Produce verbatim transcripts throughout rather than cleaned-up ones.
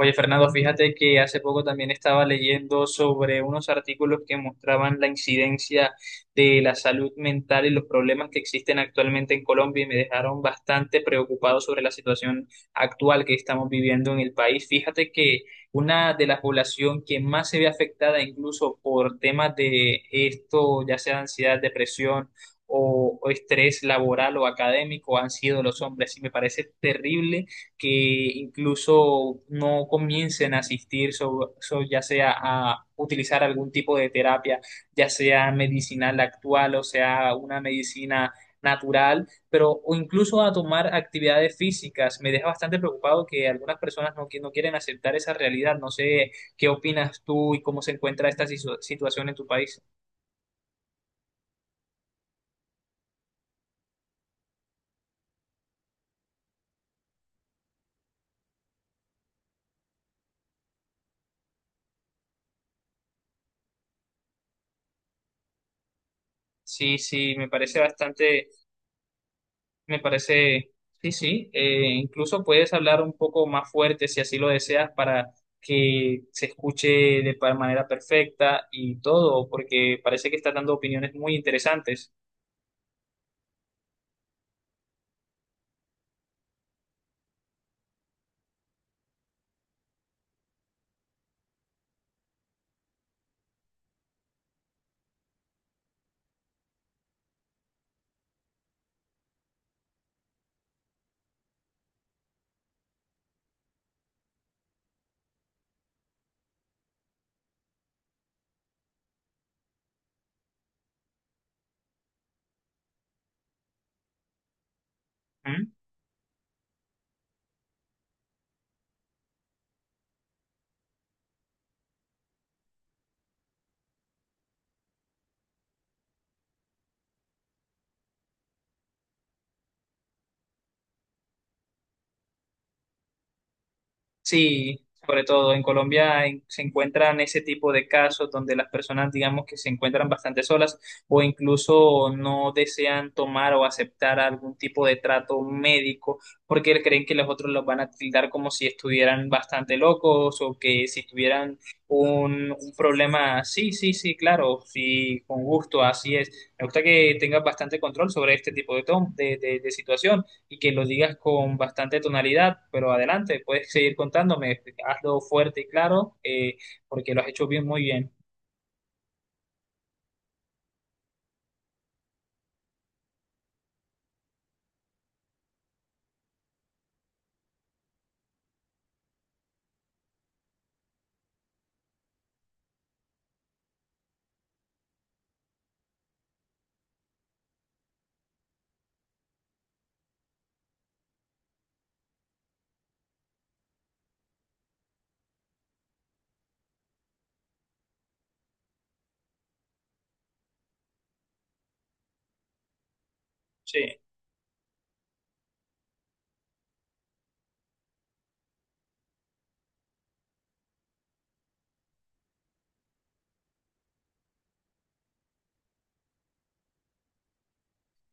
Oye, Fernando, fíjate que hace poco también estaba leyendo sobre unos artículos que mostraban la incidencia de la salud mental y los problemas que existen actualmente en Colombia y me dejaron bastante preocupado sobre la situación actual que estamos viviendo en el país. Fíjate que una de la población que más se ve afectada incluso por temas de esto, ya sea ansiedad, depresión o o estrés laboral o académico, han sido los hombres y me parece terrible que incluso no comiencen a asistir, so- so- ya sea a utilizar algún tipo de terapia, ya sea medicinal actual o sea una medicina natural, pero o incluso a tomar actividades físicas. Me deja bastante preocupado que algunas personas no, qui- no quieren aceptar esa realidad. No sé qué opinas tú y cómo se encuentra esta sisu- situación en tu país. Sí, sí, me parece bastante Me parece, sí, sí, eh, incluso puedes hablar un poco más fuerte si así lo deseas para que se escuche de pa- manera perfecta y todo, porque parece que estás dando opiniones muy interesantes. ¿Mm? Sí, sobre todo en Colombia en- se encuentran ese tipo de casos donde las personas, digamos, que se encuentran bastante solas o incluso no desean tomar o aceptar algún tipo de trato médico porque creen que los otros los van a tildar como si estuvieran bastante locos o que si tuvieran un, un problema. Sí, sí, sí, claro, sí, con gusto, así es. Me gusta que tengas bastante control sobre este tipo de, tom- de, de de situaciones y que lo digas con bastante tonalidad, pero adelante, puedes seguir contándome, hazlo fuerte y claro, eh, porque lo has hecho bien, muy bien. Sí.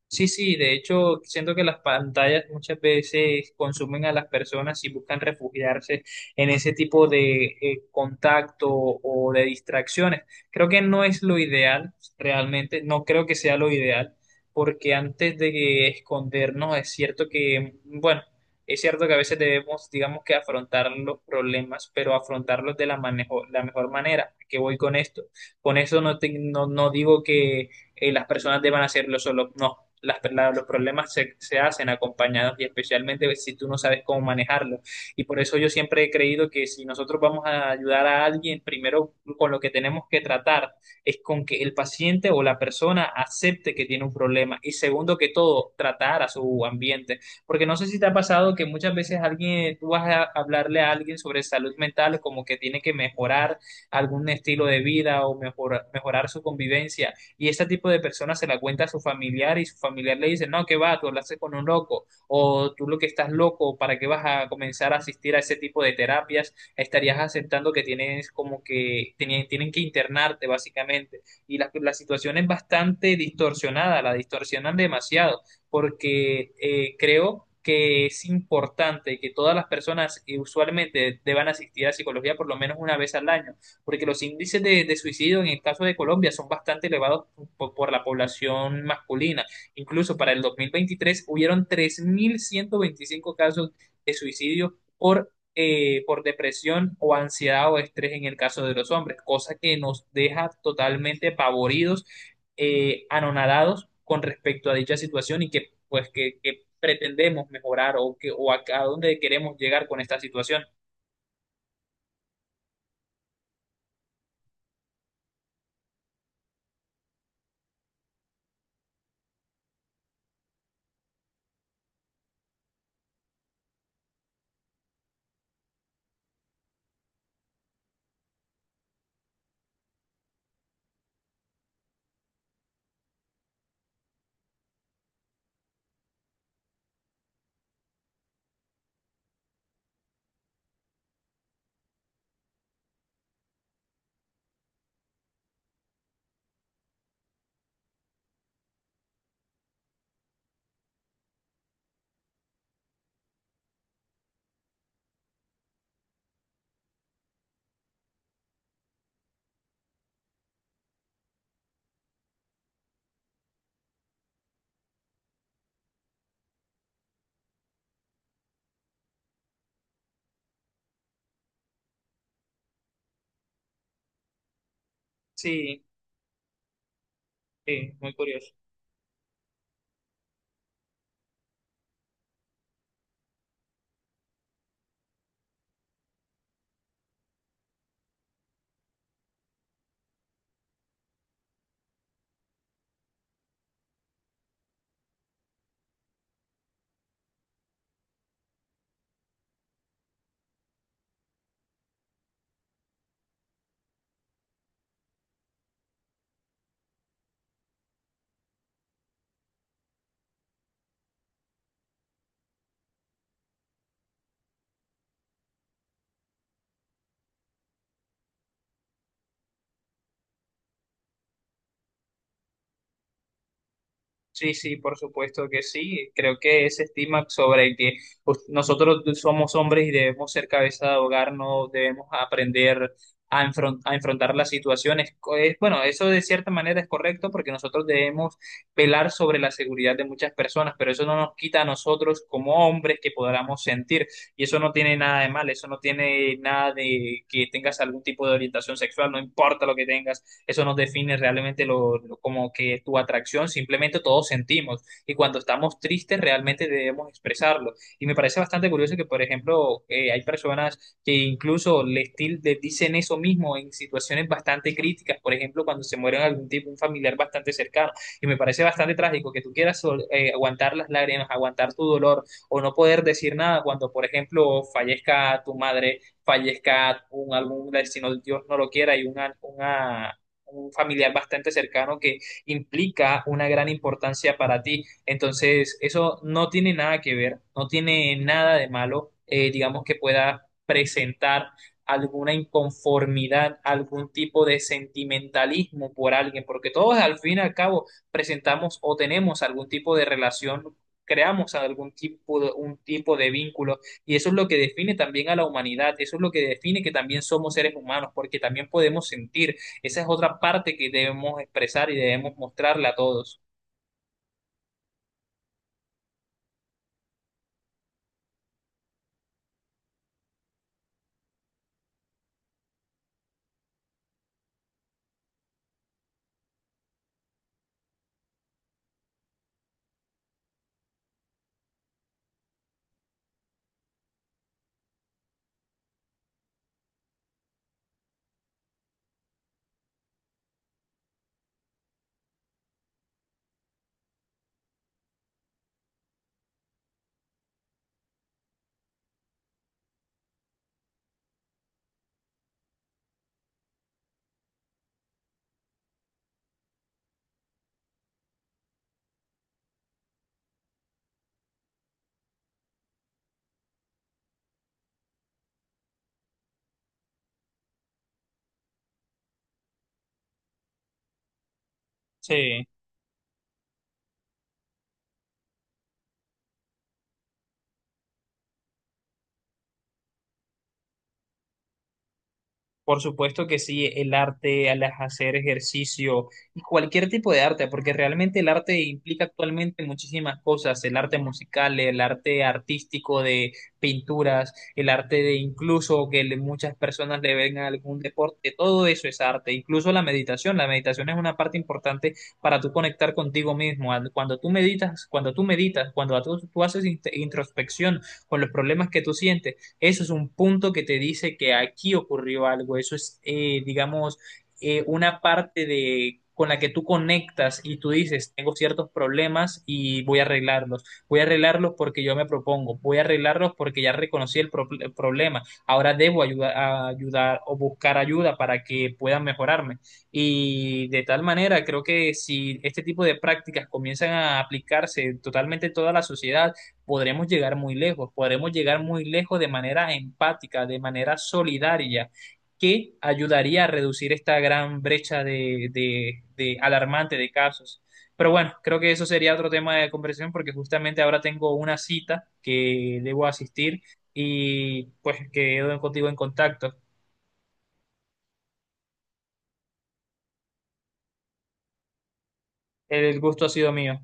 Sí, sí, de hecho, siento que las pantallas muchas veces consumen a las personas y buscan refugiarse en ese tipo de eh, contacto o de distracciones. Creo que no es lo ideal, realmente, no creo que sea lo ideal, porque antes de escondernos es cierto que, bueno, es cierto que a veces debemos, digamos que afrontar los problemas, pero afrontarlos de la, manejo- la mejor manera. ¿A ¿Qué voy con esto? Con eso no, te- no, no digo que eh, las personas deban hacerlo solo. No, las- la- los problemas se, se hacen acompañados y especialmente si tú no sabes cómo manejarlo. Y por eso yo siempre he creído que si nosotros vamos a ayudar a alguien, primero con lo que tenemos que tratar es con que el paciente o la persona acepte que tiene un problema y segundo que todo, tratar a su ambiente. Porque no sé si te ha pasado que muchas veces alguien, tú vas a hablarle a alguien sobre salud mental como que tiene que mejorar algún estilo de vida o mejor- mejorar su convivencia y este tipo de personas se la cuenta a su familiar y su familiar le dice, no, que va, tú hablaste con un loco o tú lo que estás loco, ¿para qué vas a comenzar a asistir a ese tipo de terapias? Estarías aceptando que tienes como que tienen, tienen que internarte básicamente y la, la situación es bastante distorsionada, la distorsionan demasiado porque eh, creo que es importante que todas las personas eh, usualmente deban asistir a psicología por lo menos una vez al año, porque los índices de, de suicidio en el caso de Colombia son bastante elevados po- por la población masculina. Incluso para el dos mil veintitrés hubieron tres mil ciento veinticinco casos de suicidio por, eh, por depresión o ansiedad o estrés en el caso de los hombres, cosa que nos deja totalmente pavoridos, eh, anonadados con respecto a dicha situación y que pues que, que pretendemos mejorar o, que, o a, a dónde queremos llegar con esta situación. Sí, sí, muy curioso. Sí, sí, por supuesto que sí. Creo que ese estigma sobre el que pues, nosotros somos hombres y debemos ser cabeza de hogar, no debemos aprender a, enfron- a enfrentar las situaciones. Co- es- Bueno, eso de cierta manera es correcto porque nosotros debemos velar sobre la seguridad de muchas personas, pero eso no nos quita a nosotros como hombres que podamos sentir. Y eso no tiene nada de mal, eso no tiene nada de que tengas algún tipo de orientación sexual, no importa lo que tengas eso no define realmente lo, lo- como que tu atracción, simplemente todos sentimos y cuando estamos tristes realmente debemos expresarlo. Y me parece bastante curioso que, por ejemplo, eh, hay personas que incluso les, til- les dicen eso mismo en situaciones bastante críticas, por ejemplo, cuando se muere algún tipo, un familiar bastante cercano. Y me parece bastante trágico que tú quieras sol- eh, aguantar las lágrimas, aguantar tu dolor o no poder decir nada cuando, por ejemplo, fallezca tu madre, fallezca un algún destino, Dios no lo quiera, y una, una un familiar bastante cercano que implica una gran importancia para ti. Entonces, eso no tiene nada que ver, no tiene nada de malo, eh, digamos que pueda presentar alguna inconformidad, algún tipo de sentimentalismo por alguien, porque todos al fin y al cabo presentamos o tenemos algún tipo de relación. Creamos algún tipo de, un tipo de vínculo y eso es lo que define también a la humanidad, eso es lo que define que también somos seres humanos, porque también podemos sentir, esa es otra parte que debemos expresar y debemos mostrarle a todos. Sí. Por supuesto que sí, el arte, al hacer ejercicio y cualquier tipo de arte, porque realmente el arte implica actualmente muchísimas cosas, el arte musical, el arte artístico de pinturas, el arte de incluso que le- muchas personas le ven a algún deporte, todo eso es arte, incluso la meditación, la meditación es una parte importante para tú conectar contigo mismo, Al- cuando tú meditas, cuando tú meditas, cuando tú, tú haces int- introspección con los problemas que tú sientes, eso es un punto que te dice que aquí ocurrió algo. Eso es, eh, digamos, eh, una parte de con la que tú conectas y tú dices, tengo ciertos problemas y voy a arreglarlos. Voy a arreglarlos porque yo me propongo. Voy a arreglarlos porque ya reconocí el, pro- el problema. Ahora debo ayudar, a ayudar o buscar ayuda para que puedan mejorarme. Y de tal manera, creo que si este tipo de prácticas comienzan a aplicarse totalmente en toda la sociedad, podremos llegar muy lejos, podremos llegar muy lejos de manera empática, de manera solidaria, que ayudaría a reducir esta gran brecha de, de- de alarmante de casos. Pero bueno, creo que eso sería otro tema de conversación porque justamente ahora tengo una cita que debo asistir y pues quedo contigo en contacto. El gusto ha sido mío.